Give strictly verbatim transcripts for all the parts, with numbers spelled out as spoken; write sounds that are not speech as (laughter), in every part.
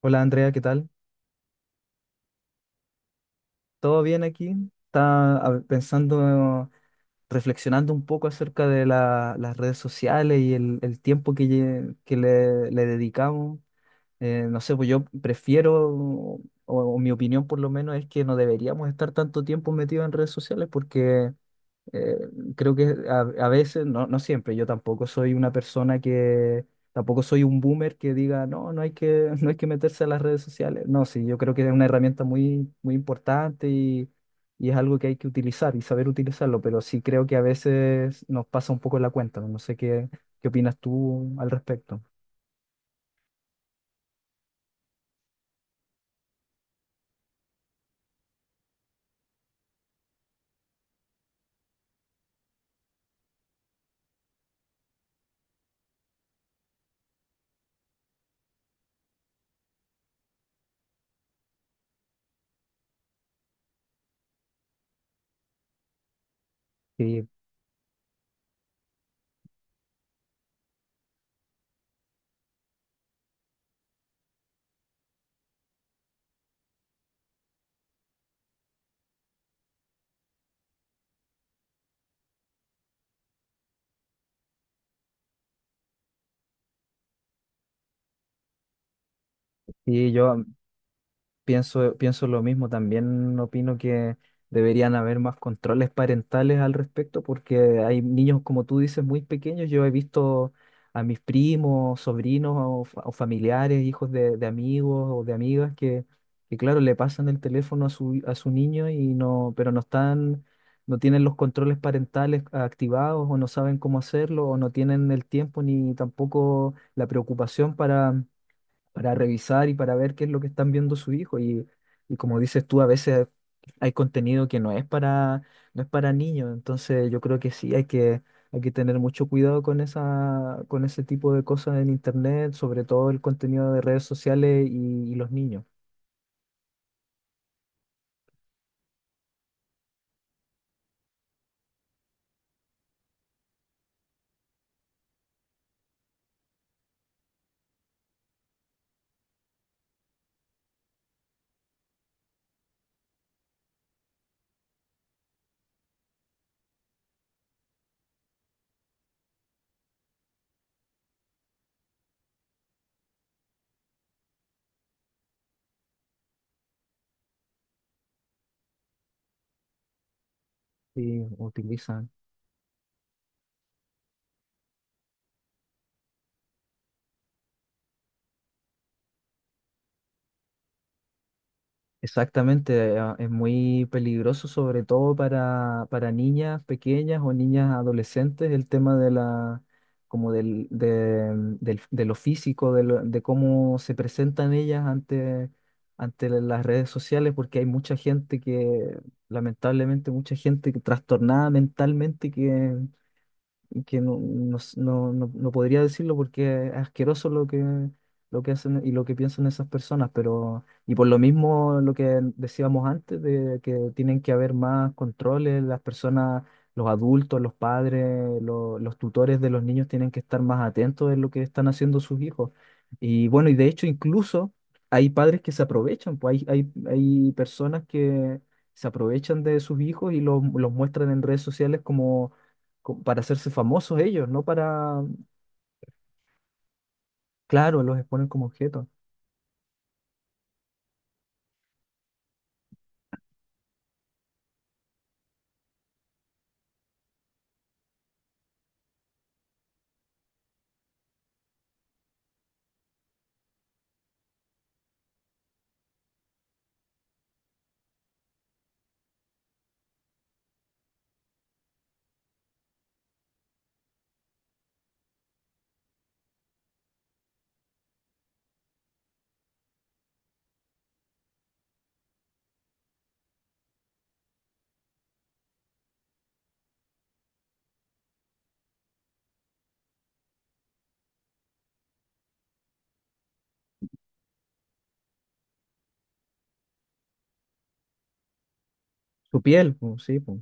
Hola Andrea, ¿qué tal? ¿Todo bien aquí? Estaba a pensando, reflexionando un poco acerca de la- las redes sociales y el, el tiempo que, lle- que le, le dedicamos. Eh, no sé, pues yo prefiero, o, o mi opinión por lo menos es que no deberíamos estar tanto tiempo metidos en redes sociales porque Eh, creo que a, a veces, no, no siempre, yo tampoco soy una persona que, tampoco soy un boomer que diga, no, no hay que, (laughs) no hay que meterse a las redes sociales. No, sí, yo creo que es una herramienta muy, muy importante y, y es algo que hay que utilizar y saber utilizarlo, pero sí creo que a veces nos pasa un poco la cuenta. No sé qué, qué opinas tú al respecto. Sí, sí, yo, Pienso, pienso lo mismo, también opino que deberían haber más controles parentales al respecto, porque hay niños, como tú dices, muy pequeños. Yo he visto a mis primos, sobrinos o, fa- o familiares, hijos de, de amigos o de amigas que, que, claro, le pasan el teléfono a su, a su niño y no, pero no están, no tienen los controles parentales activados o no saben cómo hacerlo o no tienen el tiempo ni tampoco la preocupación para revisar y para ver qué es lo que están viendo su hijo. Y, y como dices tú, a veces hay contenido que no es para, no es para niños. Entonces yo creo que sí, hay que, hay que tener mucho cuidado con esa, con ese tipo de cosas en internet, sobre todo el contenido de redes sociales y, y los niños. Sí, utilizan. Exactamente, a- es muy peligroso, sobre todo para, para niñas pequeñas o niñas adolescentes, el tema de la, como del, de, mm, del- de lo físico, de, lo- de cómo se presentan ellas ante, ante las redes sociales, porque hay mucha gente que, lamentablemente, mucha gente que trastornada mentalmente que no, no, s- no, no- no podría decirlo porque es asqueroso lo que, lo que hacen y lo que piensan esas personas, pero, y por lo mismo lo que decíamos antes, de que tienen que haber más controles, las personas, los adultos, los padres, lo- los tutores de los niños tienen que estar más atentos en lo que están haciendo sus hijos. Y bueno, y de hecho incluso hay padres que se aprovechan, pues hay, hay, hay personas que se aprovechan de sus hijos y los, los muestran en redes sociales como co- para hacerse famosos ellos, no para, claro, los exponen como objetos. Su piel, pues, sí, pues.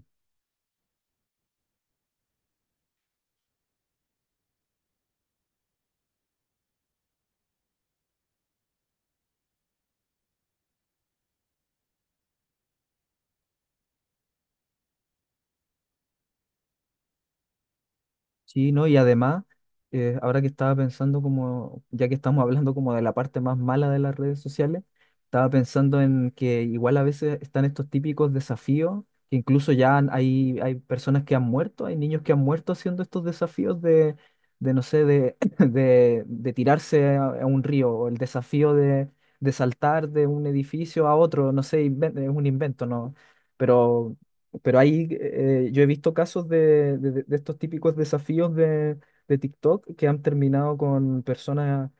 Sí, ¿no? Y además, eh, ahora que estaba pensando como, ya que estamos hablando como de la parte más mala de las redes sociales, estaba pensando en que igual a veces están estos típicos desafíos, que incluso ya han- hay, hay personas que han muerto, hay niños que han muerto haciendo estos desafíos de, de no sé, de, (clears throat) de, de tirarse a, a un río, o el desafío de, de saltar de un edificio a otro, no sé, inven- es un invento, ¿no? Pero pero ahí eh, eh, yo he visto casos de, de- de estos típicos desafíos de, de TikTok que han terminado con personas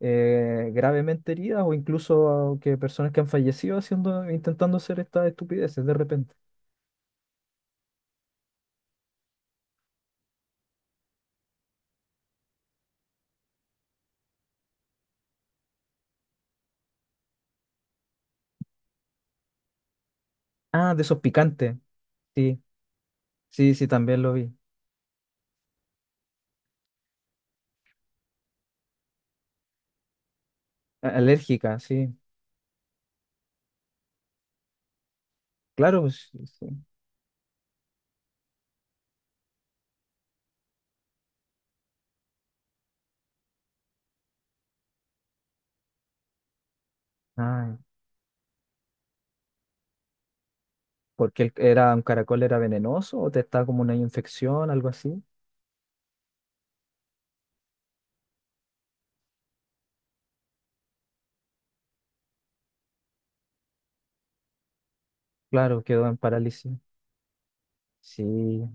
eh, gravemente heridas o incluso que personas que han fallecido haciendo, intentando hacer estas estupideces de repente. Ah, de esos picantes. Sí, sí, sí, también lo vi. A- Alérgica, sí. Claro, pues, sí, sí. Ay, porque el- era un caracol era venenoso o te estaba como una infección, algo así. Claro, quedó en parálisis. Sí.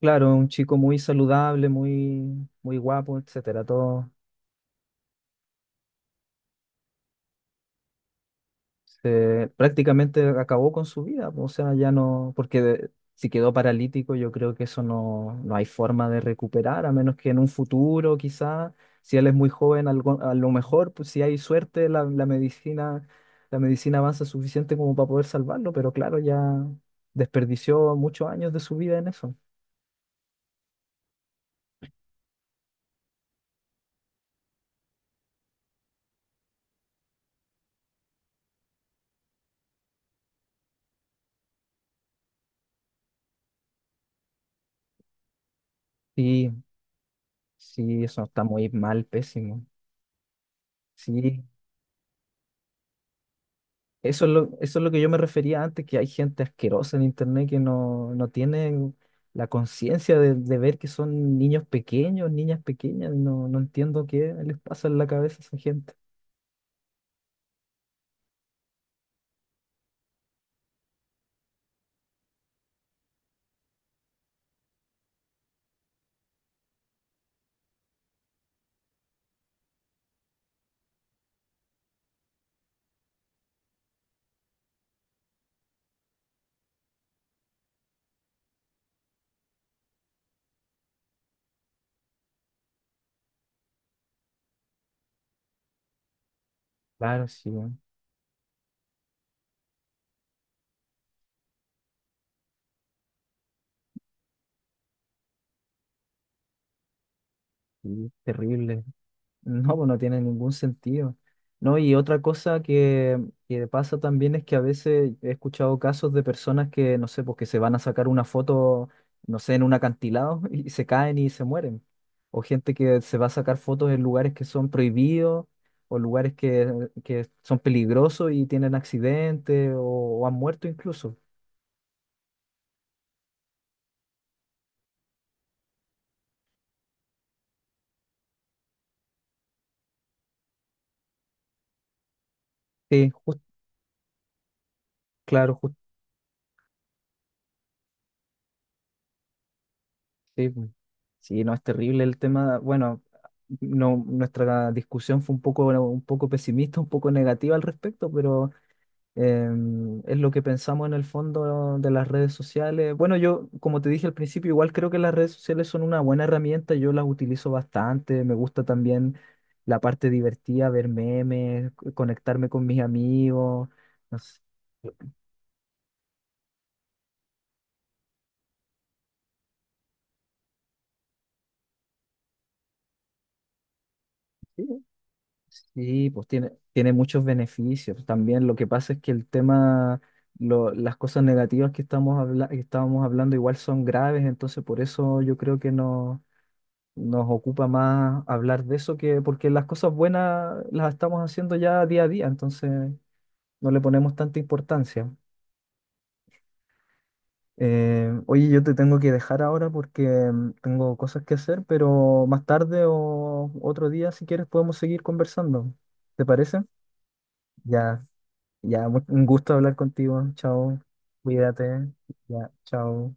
Claro, un chico muy saludable, muy, muy guapo, etcétera. Todo se- prácticamente acabó con su vida. O sea, ya no, porque de- si quedó paralítico, yo creo que eso no, no hay forma de recuperar, a menos que en un futuro, quizá, si él es muy joven, algo- a lo mejor, pues, si hay suerte, la, la medicina, la medicina avanza suficiente como para poder salvarlo. Pero claro, ya desperdició muchos años de su vida en eso. Sí, sí, eso está muy mal, pésimo. Sí. Eso es lo, eso es lo que yo me refería antes, que hay gente asquerosa en internet que no, no tiene la conciencia de, de ver que son niños pequeños, niñas pequeñas. No, no entiendo qué les pasa en la cabeza a esa gente. Claro, sí, weón, sí, terrible. No, pues no tiene ningún sentido. No, y otra cosa que, que pasa también es que a veces he escuchado casos de personas que, no sé, pues que se van a sacar una foto, no sé, en un acantilado (laughs) y se caen y se mueren. O gente que se va a sacar fotos en lugares que son prohibidos o lugares que, que son peligrosos y tienen accidentes o, o han muerto incluso. Sí, jus- claro. Sí, pues. Sí, no, es terrible el tema. Bueno, no, nuestra discusión fue un poco, bueno, un poco pesimista, un poco negativa al respecto, pero eh, es lo que pensamos en el fondo de las redes sociales. Bueno, yo, como te dije al principio, igual creo que las redes sociales son una buena herramienta, yo las utilizo bastante, me gusta también la parte divertida, ver memes, conectarme con mis amigos. No sé. Sí, pues tiene, tiene muchos beneficios. También lo que pasa es que el tema, lo- las cosas negativas que estamos habla- que estábamos hablando igual son graves, entonces por eso yo creo que no, nos ocupa más hablar de eso que porque las cosas buenas las estamos haciendo ya día a día, entonces no le ponemos tanta importancia. Eh, oye, yo te tengo que dejar ahora porque mm, tengo cosas que hacer, pero más tarde o otro día, si quieres, podemos seguir conversando. ¿Te parece? Ya. Ya, mu- un gusto hablar contigo. Chao. Cuídate. Ya, chao.